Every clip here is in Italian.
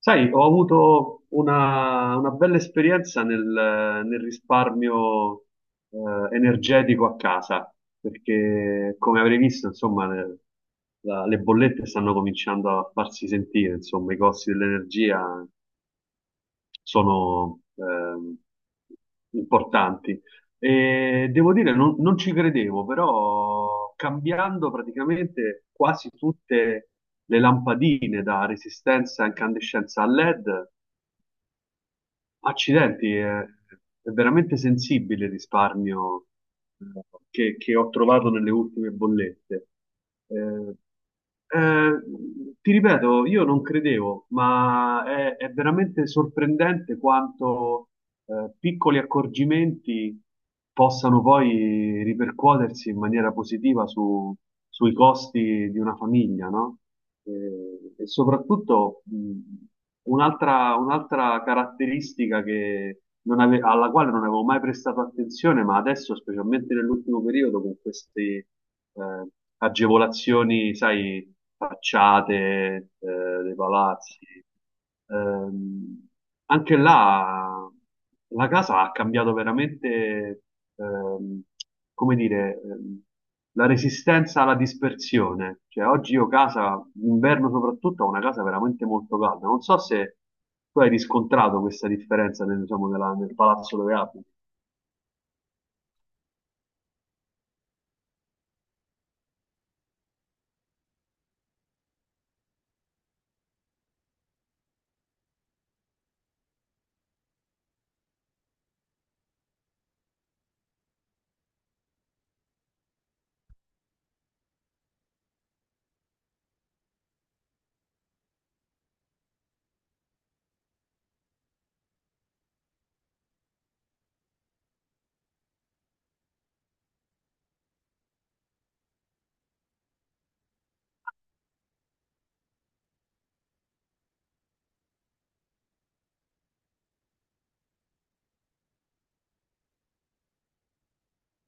Sai, ho avuto una bella esperienza nel risparmio energetico a casa, perché come avrei visto, insomma, le bollette stanno cominciando a farsi sentire, insomma, i costi dell'energia sono importanti. E devo dire, non ci credevo, però cambiando praticamente quasi tutte le lampadine da resistenza a incandescenza a LED. Accidenti, è veramente sensibile il risparmio eh, che ho trovato nelle ultime bollette. Eh, eh, ti ripeto, io non credevo, ma è veramente sorprendente quanto piccoli accorgimenti possano poi ripercuotersi in maniera positiva sui costi di una famiglia, no? Eh, E soprattutto un'altra caratteristica che non alla quale non avevo mai prestato attenzione, ma adesso, specialmente nell'ultimo periodo, con queste eh, agevolazioni, sai, facciate dei palazzi. Ehm, anche là la casa ha cambiato veramente, ehm, come dire, la resistenza alla dispersione. Cioè, oggi io casa, d'inverno soprattutto, ho una casa veramente molto calda. Non so se tu hai riscontrato questa differenza nel, diciamo, nel palazzo dove abiti.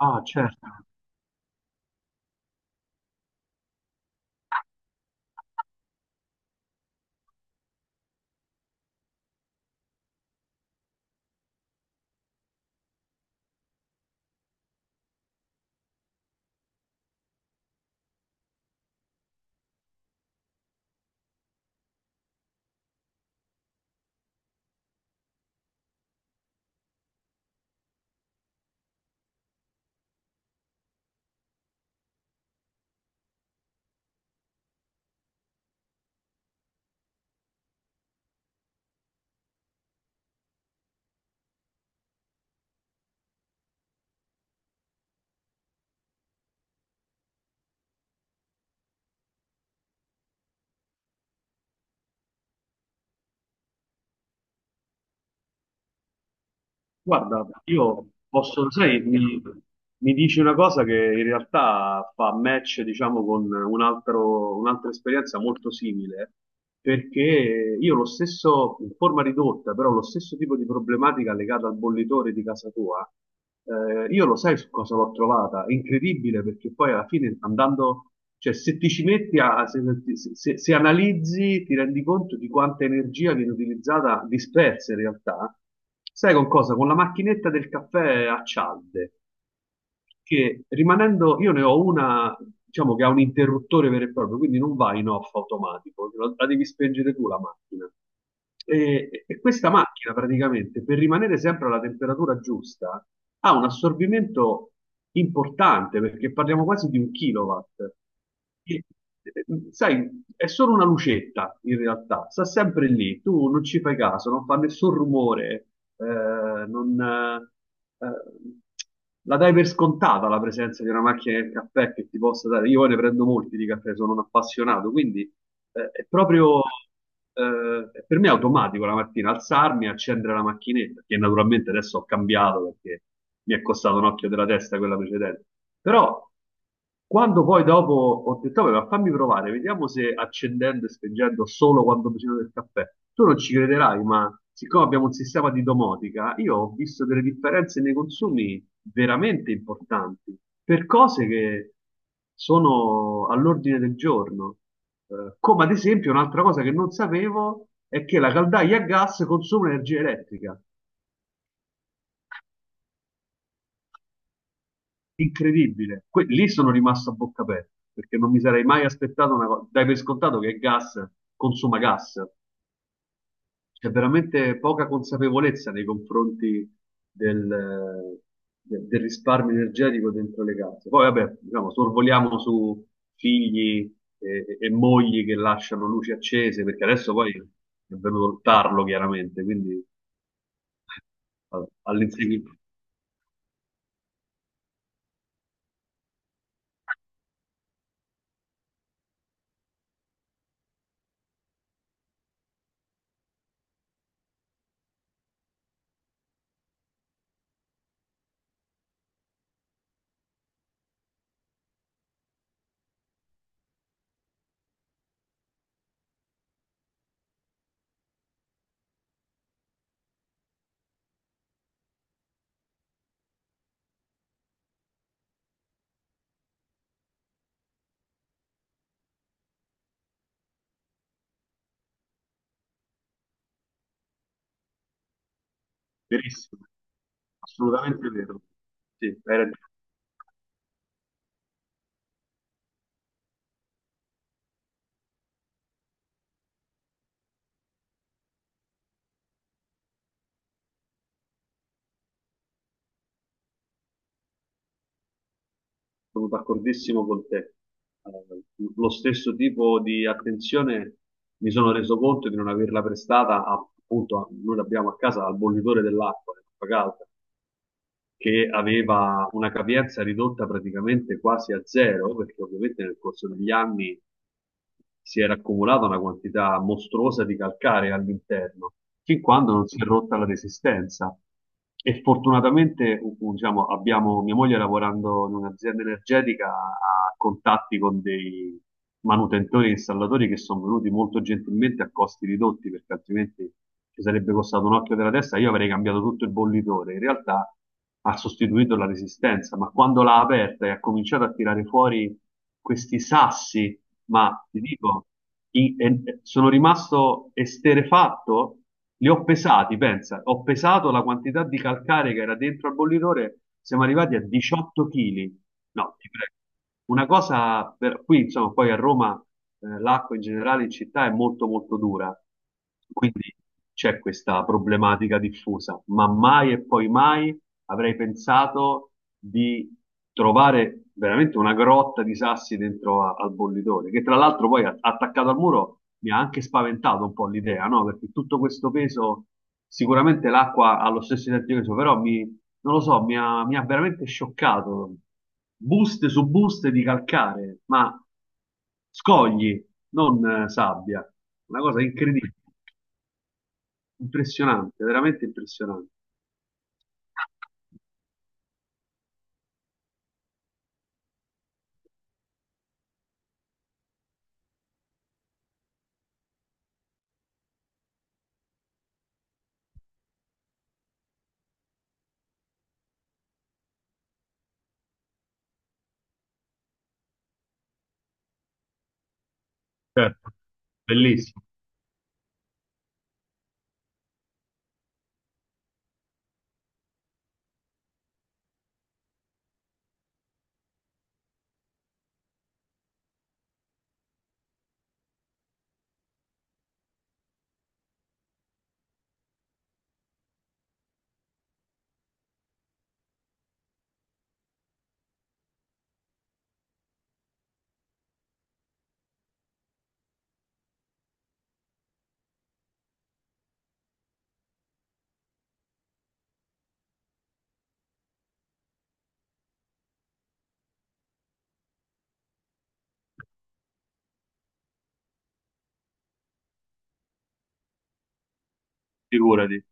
Ah, certo. Guarda, io posso, sai, mi dici una cosa che in realtà fa match, diciamo, con un'altra esperienza molto simile, perché io lo stesso, in forma ridotta, però lo stesso tipo di problematica legata al bollitore di casa tua, io lo sai su cosa l'ho trovata? È incredibile perché poi alla fine andando, cioè se ti ci metti se analizzi, ti rendi conto di quanta energia viene utilizzata, dispersa in realtà. Sai con cosa? Con la macchinetta del caffè a cialde, che rimanendo, io ne ho una, diciamo che ha un interruttore vero e proprio, quindi non va in off automatico, la devi spengere tu la macchina. E questa macchina praticamente, per rimanere sempre alla temperatura giusta, ha un assorbimento importante, perché parliamo quasi di un kilowatt. E, eh, Sai, è solo una lucetta in realtà, sta sempre lì, tu non ci fai caso, non fa nessun rumore, non, la dai per scontata la presenza di una macchina del caffè che ti possa dare. Io poi ne prendo molti di caffè, sono un appassionato, quindi è proprio per me è automatico la mattina alzarmi e accendere la macchinetta, che naturalmente adesso ho cambiato perché mi è costato un occhio della testa quella precedente. Però quando poi dopo ho detto, "Vabbè, ma fammi provare, vediamo se accendendo e spengendo solo quando facendo del caffè". Tu non ci crederai, ma siccome abbiamo un sistema di domotica, io ho visto delle differenze nei consumi veramente importanti per cose che sono all'ordine del giorno. Come ad esempio, un'altra cosa che non sapevo è che la caldaia a gas consuma energia elettrica. Incredibile. Lì sono rimasto a bocca aperta perché non mi sarei mai aspettato una cosa. Dai per scontato che il gas consuma gas. C'è veramente poca consapevolezza nei confronti del, del risparmio energetico dentro le case. Poi, vabbè, diciamo, sorvoliamo su figli e mogli che lasciano luci accese, perché adesso poi è venuto il tarlo, chiaramente, quindi all'inseguimento. Verissimo, assolutamente vero. Sì, hai ragione. Sono d'accordissimo con te. Eh, lo stesso tipo di attenzione mi sono reso conto di non averla prestata appunto, noi l'abbiamo a casa al bollitore dell'acqua, dell'acqua calda che aveva una capienza ridotta praticamente quasi a zero, perché ovviamente nel corso degli anni si era accumulata una quantità mostruosa di calcare all'interno, fin quando non si è rotta la resistenza. E fortunatamente, diciamo, abbiamo mia moglie lavorando in un'azienda energetica ha contatti con dei manutentori e installatori che sono venuti molto gentilmente a costi ridotti, perché altrimenti ci sarebbe costato un occhio della testa, io avrei cambiato tutto il bollitore. In realtà ha sostituito la resistenza, ma quando l'ha aperta e ha cominciato a tirare fuori questi sassi, ma ti dico, sono rimasto esterefatto, li ho pesati, pensa, ho pesato la quantità di calcare che era dentro al bollitore, siamo arrivati a 18 kg. No, ti prego. Una cosa per qui, insomma, poi a Roma l'acqua in generale in città è molto molto dura, quindi c'è questa problematica diffusa, ma mai e poi mai avrei pensato di trovare veramente una grotta di sassi dentro al bollitore, che tra l'altro poi attaccato al muro mi ha anche spaventato un po' l'idea, no? Perché tutto questo peso, sicuramente l'acqua ha lo stesso identico peso, però non lo so, mi ha veramente scioccato. Buste su buste di calcare, ma scogli, non sabbia. Una cosa incredibile, impressionante, veramente impressionante. Certo, bellissimo. Figurati.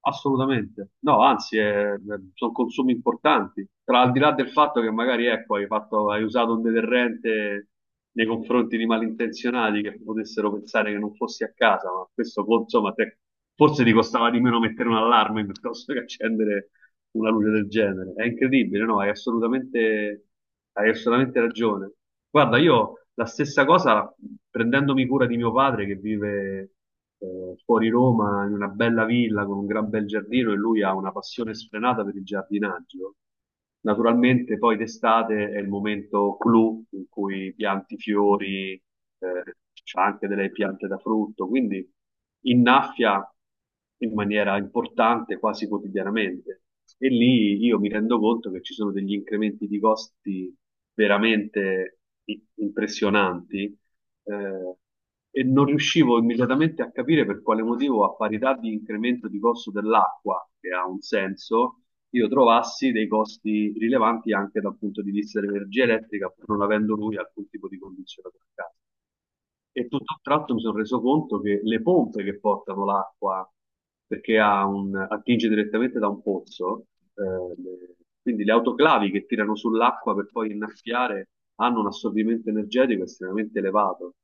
Assolutamente, no, anzi, sono consumi importanti. Tra al di là del fatto che magari ecco, hai usato un deterrente nei confronti di malintenzionati che potessero pensare che non fossi a casa, ma questo poi, insomma, forse ti costava di meno mettere un allarme piuttosto che accendere una luce del genere. È incredibile, no? Hai assolutamente ragione. Guarda, io la stessa cosa, prendendomi cura di mio padre che vive fuori Roma in una bella villa con un gran bel giardino e lui ha una passione sfrenata per il giardinaggio. Naturalmente poi d'estate è il momento clou in cui pianti fiori, eh, c'ha anche delle piante da frutto, quindi innaffia in maniera importante quasi quotidianamente. E lì io mi rendo conto che ci sono degli incrementi di costi veramente impressionanti, eh, e non riuscivo immediatamente a capire per quale motivo, a parità di incremento di costo dell'acqua, che ha un senso, io trovassi dei costi rilevanti anche dal punto di vista dell'energia elettrica, pur non avendo lui alcun tipo di condizionatore a casa. E tutto a un tratto mi sono reso conto che le pompe che portano l'acqua, perché ha attinge direttamente da un pozzo, eh, le- quindi le autoclavi che tirano sull'acqua per poi innaffiare, hanno un assorbimento energetico estremamente elevato.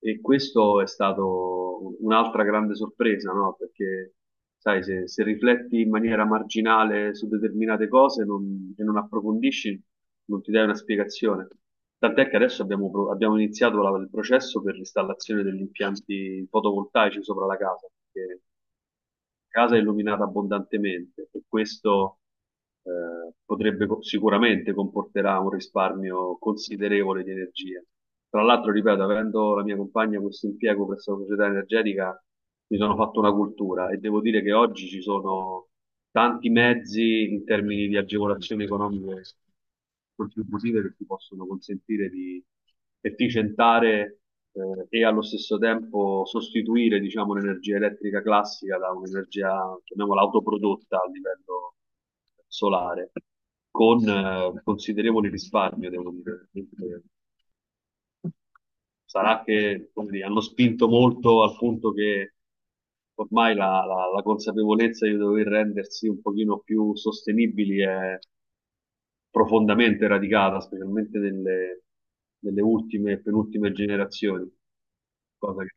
E questo è stato un'altra grande sorpresa, no? Perché, sai, se rifletti in maniera marginale su determinate cose e non approfondisci, non ti dai una spiegazione. Tant'è che adesso abbiamo, abbiamo iniziato il processo per l'installazione degli impianti fotovoltaici sopra la casa, perché casa è illuminata abbondantemente e questo potrebbe sicuramente comporterà un risparmio considerevole di energia. Tra l'altro, ripeto, avendo la mia compagna questo impiego presso la società energetica, mi sono fatto una cultura e devo dire che oggi ci sono tanti mezzi in termini di agevolazioni economiche contributive che ti possono consentire di efficientare e allo stesso tempo sostituire, diciamo, l'energia elettrica classica da un'energia, chiamiamola, autoprodotta a livello solare, con considerevole risparmio, devo dire. Sarà che, come dire, hanno spinto molto al punto che ormai la consapevolezza di dover rendersi un pochino più sostenibili è profondamente radicata, specialmente nelle, nelle ultime e penultime generazioni, cosa che